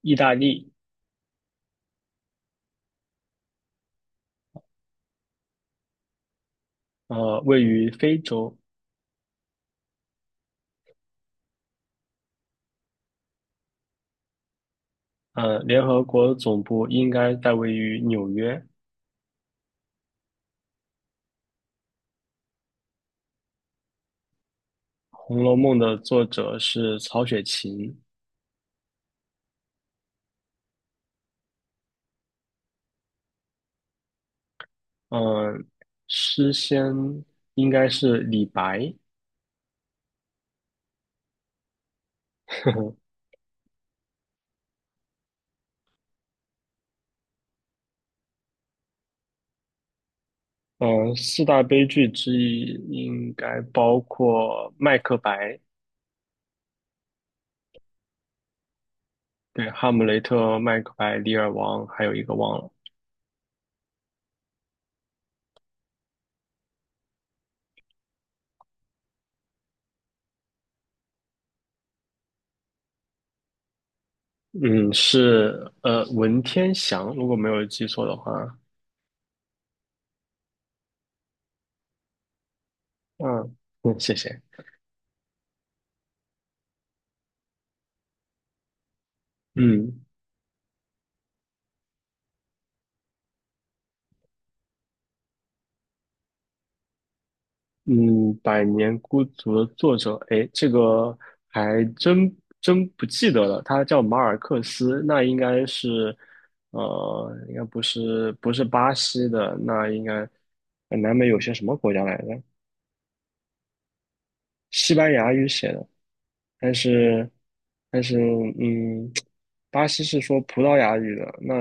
意大利，位于非洲，联合国总部应该在位于纽约。《红楼梦》的作者是曹雪芹，嗯、诗仙应该是李白。四大悲剧之一应该包括《麦克白》。对，《哈姆雷特》、《麦克白》、《李尔王》，还有一个忘了。嗯，是文天祥，如果没有记错的话。嗯嗯，谢谢，嗯。嗯，《百年孤独》的作者，哎，这个还真不记得了。他叫马尔克斯，那应该是。应该不是巴西的，那应该南美有些什么国家来着？西班牙语写的，但是但是，嗯，巴西是说葡萄牙语的，那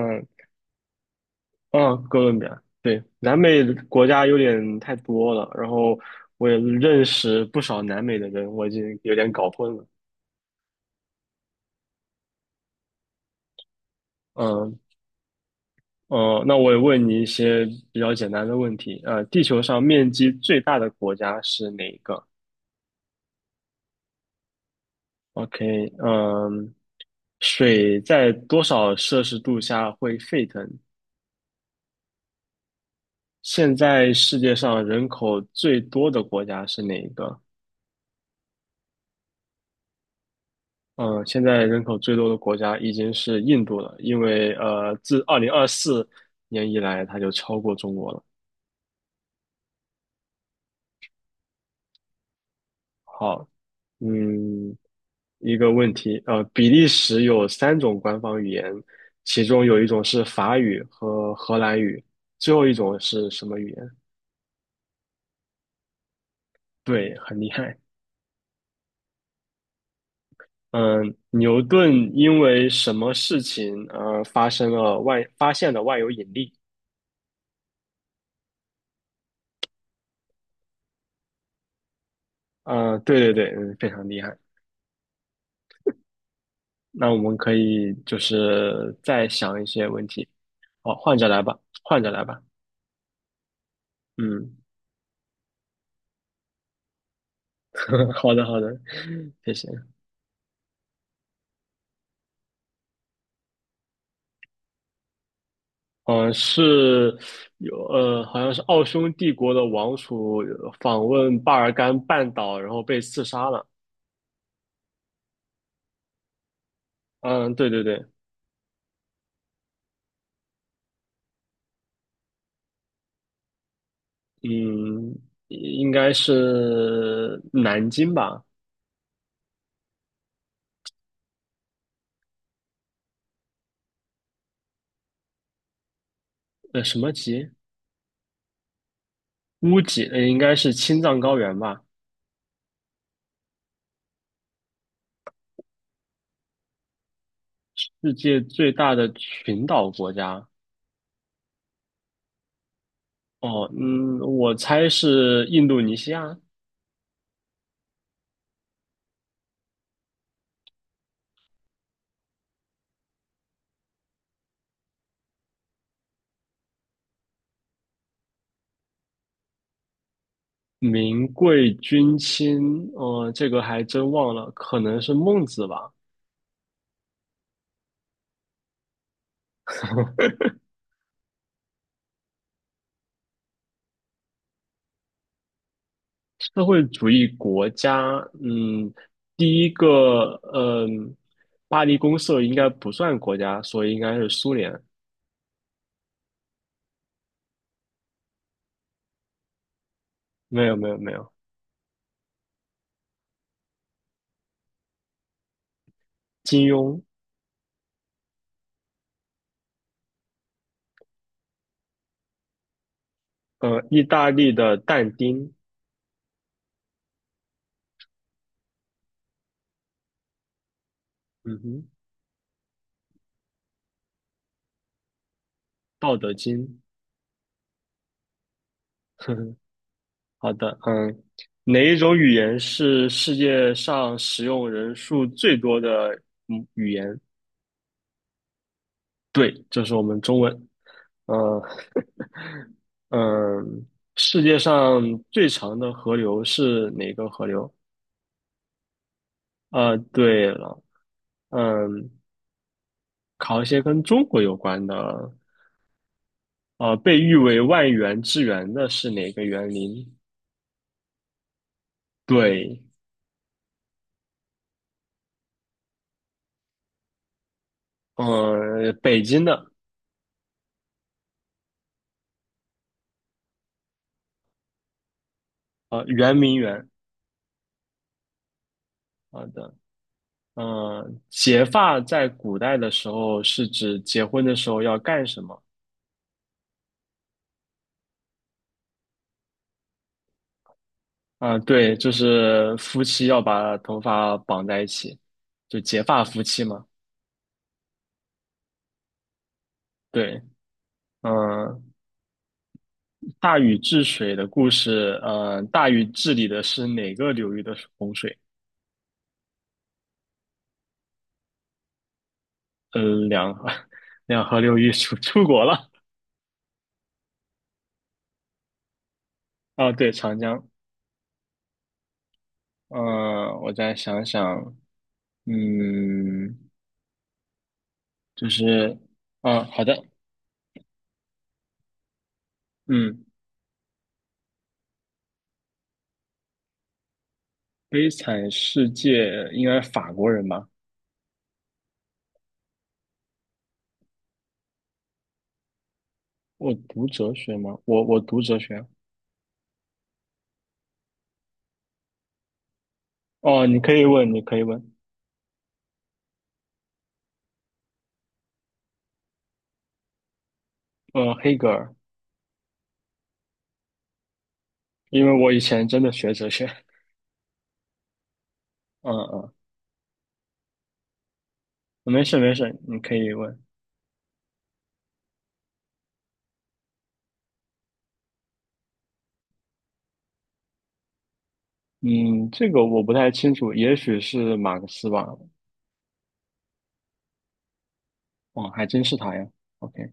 啊，哥伦比亚。对，南美的国家有点太多了，然后我也认识不少南美的人，我已经有点搞混了。嗯，哦，那我也问你一些比较简单的问题。地球上面积最大的国家是哪一个？OK。嗯，水在多少摄氏度下会沸腾？现在世界上人口最多的国家是哪一个？嗯，现在人口最多的国家已经是印度了，因为自2024年以来，它就超过中国了。好。嗯，一个问题。比利时有三种官方语言，其中有一种是法语和荷兰语，最后一种是什么语言？对，很厉害。嗯，牛顿因为什么事情而发现了万有引力？嗯，对对对，非常厉害。那我们可以就是再想一些问题。好，换着来吧，换着来吧。嗯，好的好的，谢谢。嗯，是有好像是奥匈帝国的王储访问巴尔干半岛，然后被刺杀了。嗯，对对对。嗯，应该是南京吧？什么级？乌级？应该是青藏高原吧？世界最大的群岛国家。哦，我猜是印度尼西亚。名贵君亲。这个还真忘了，可能是孟子吧。社会主义国家，第一个，巴黎公社应该不算国家，所以应该是苏联。没有，没有，没有。金庸。意大利的但丁。嗯哼，道德经。呵呵，好的。嗯，哪一种语言是世界上使用人数最多的语言？对，这是我们中文。呃，嗯，世界上最长的河流是哪个河流？对了。嗯，考一些跟中国有关的。被誉为万园之园的是哪个园林？对。北京的。圆明园。好的。结发在古代的时候是指结婚的时候要干什么？啊，对，就是夫妻要把头发绑在一起，就结发夫妻嘛。对。嗯，大禹治水的故事。嗯，大禹治理的是哪个流域的洪水？嗯，两河 两河流域出国了。啊，对，长江。嗯，我再想想。嗯，就是。好的。嗯，悲惨世界应该是法国人吧？我读哲学吗？我读哲学。哦，你可以问，你可以问。黑格尔。因为我以前真的学哲学。嗯嗯，没事没事，你可以问。嗯，这个我不太清楚，也许是马克思吧。哦，还真是他呀。OK。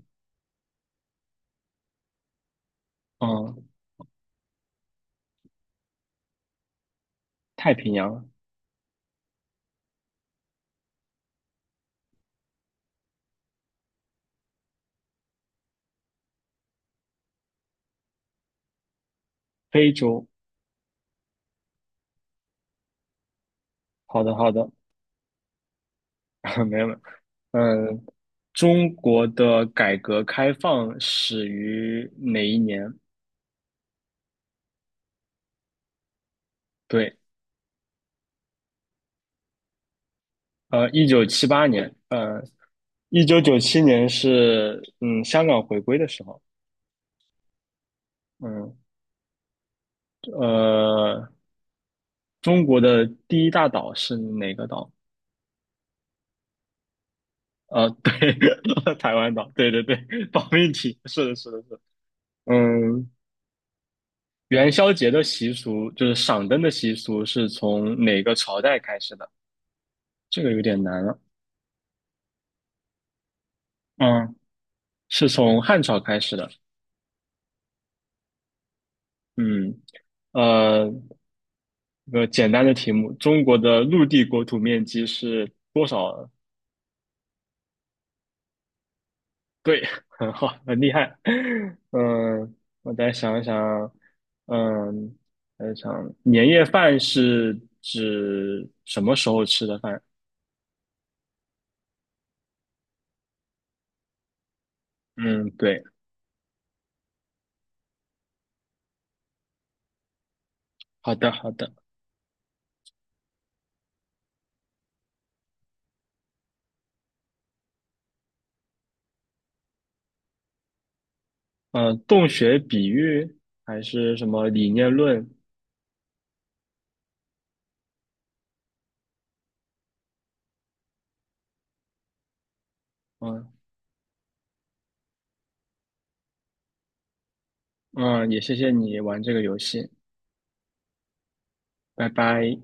嗯，太平洋、非洲。好的好的，没有没有。嗯，中国的改革开放始于哪一年？对，1978年。1997年是香港回归的时候。嗯，呃。中国的第一大岛是哪个岛？对，台湾岛，对对对。保命题，是的，是的，是的。嗯，元宵节的习俗就是赏灯的习俗是从哪个朝代开始的？这个有点难了。嗯，是从汉朝开始的。嗯，呃，一个简单的题目，中国的陆地国土面积是多少？对，很好，很厉害。嗯，我再想一想。嗯，再想，年夜饭是指什么时候吃的饭？嗯，对，好的，好的。嗯，洞穴比喻还是什么理念论？嗯嗯，也谢谢你玩这个游戏，拜拜。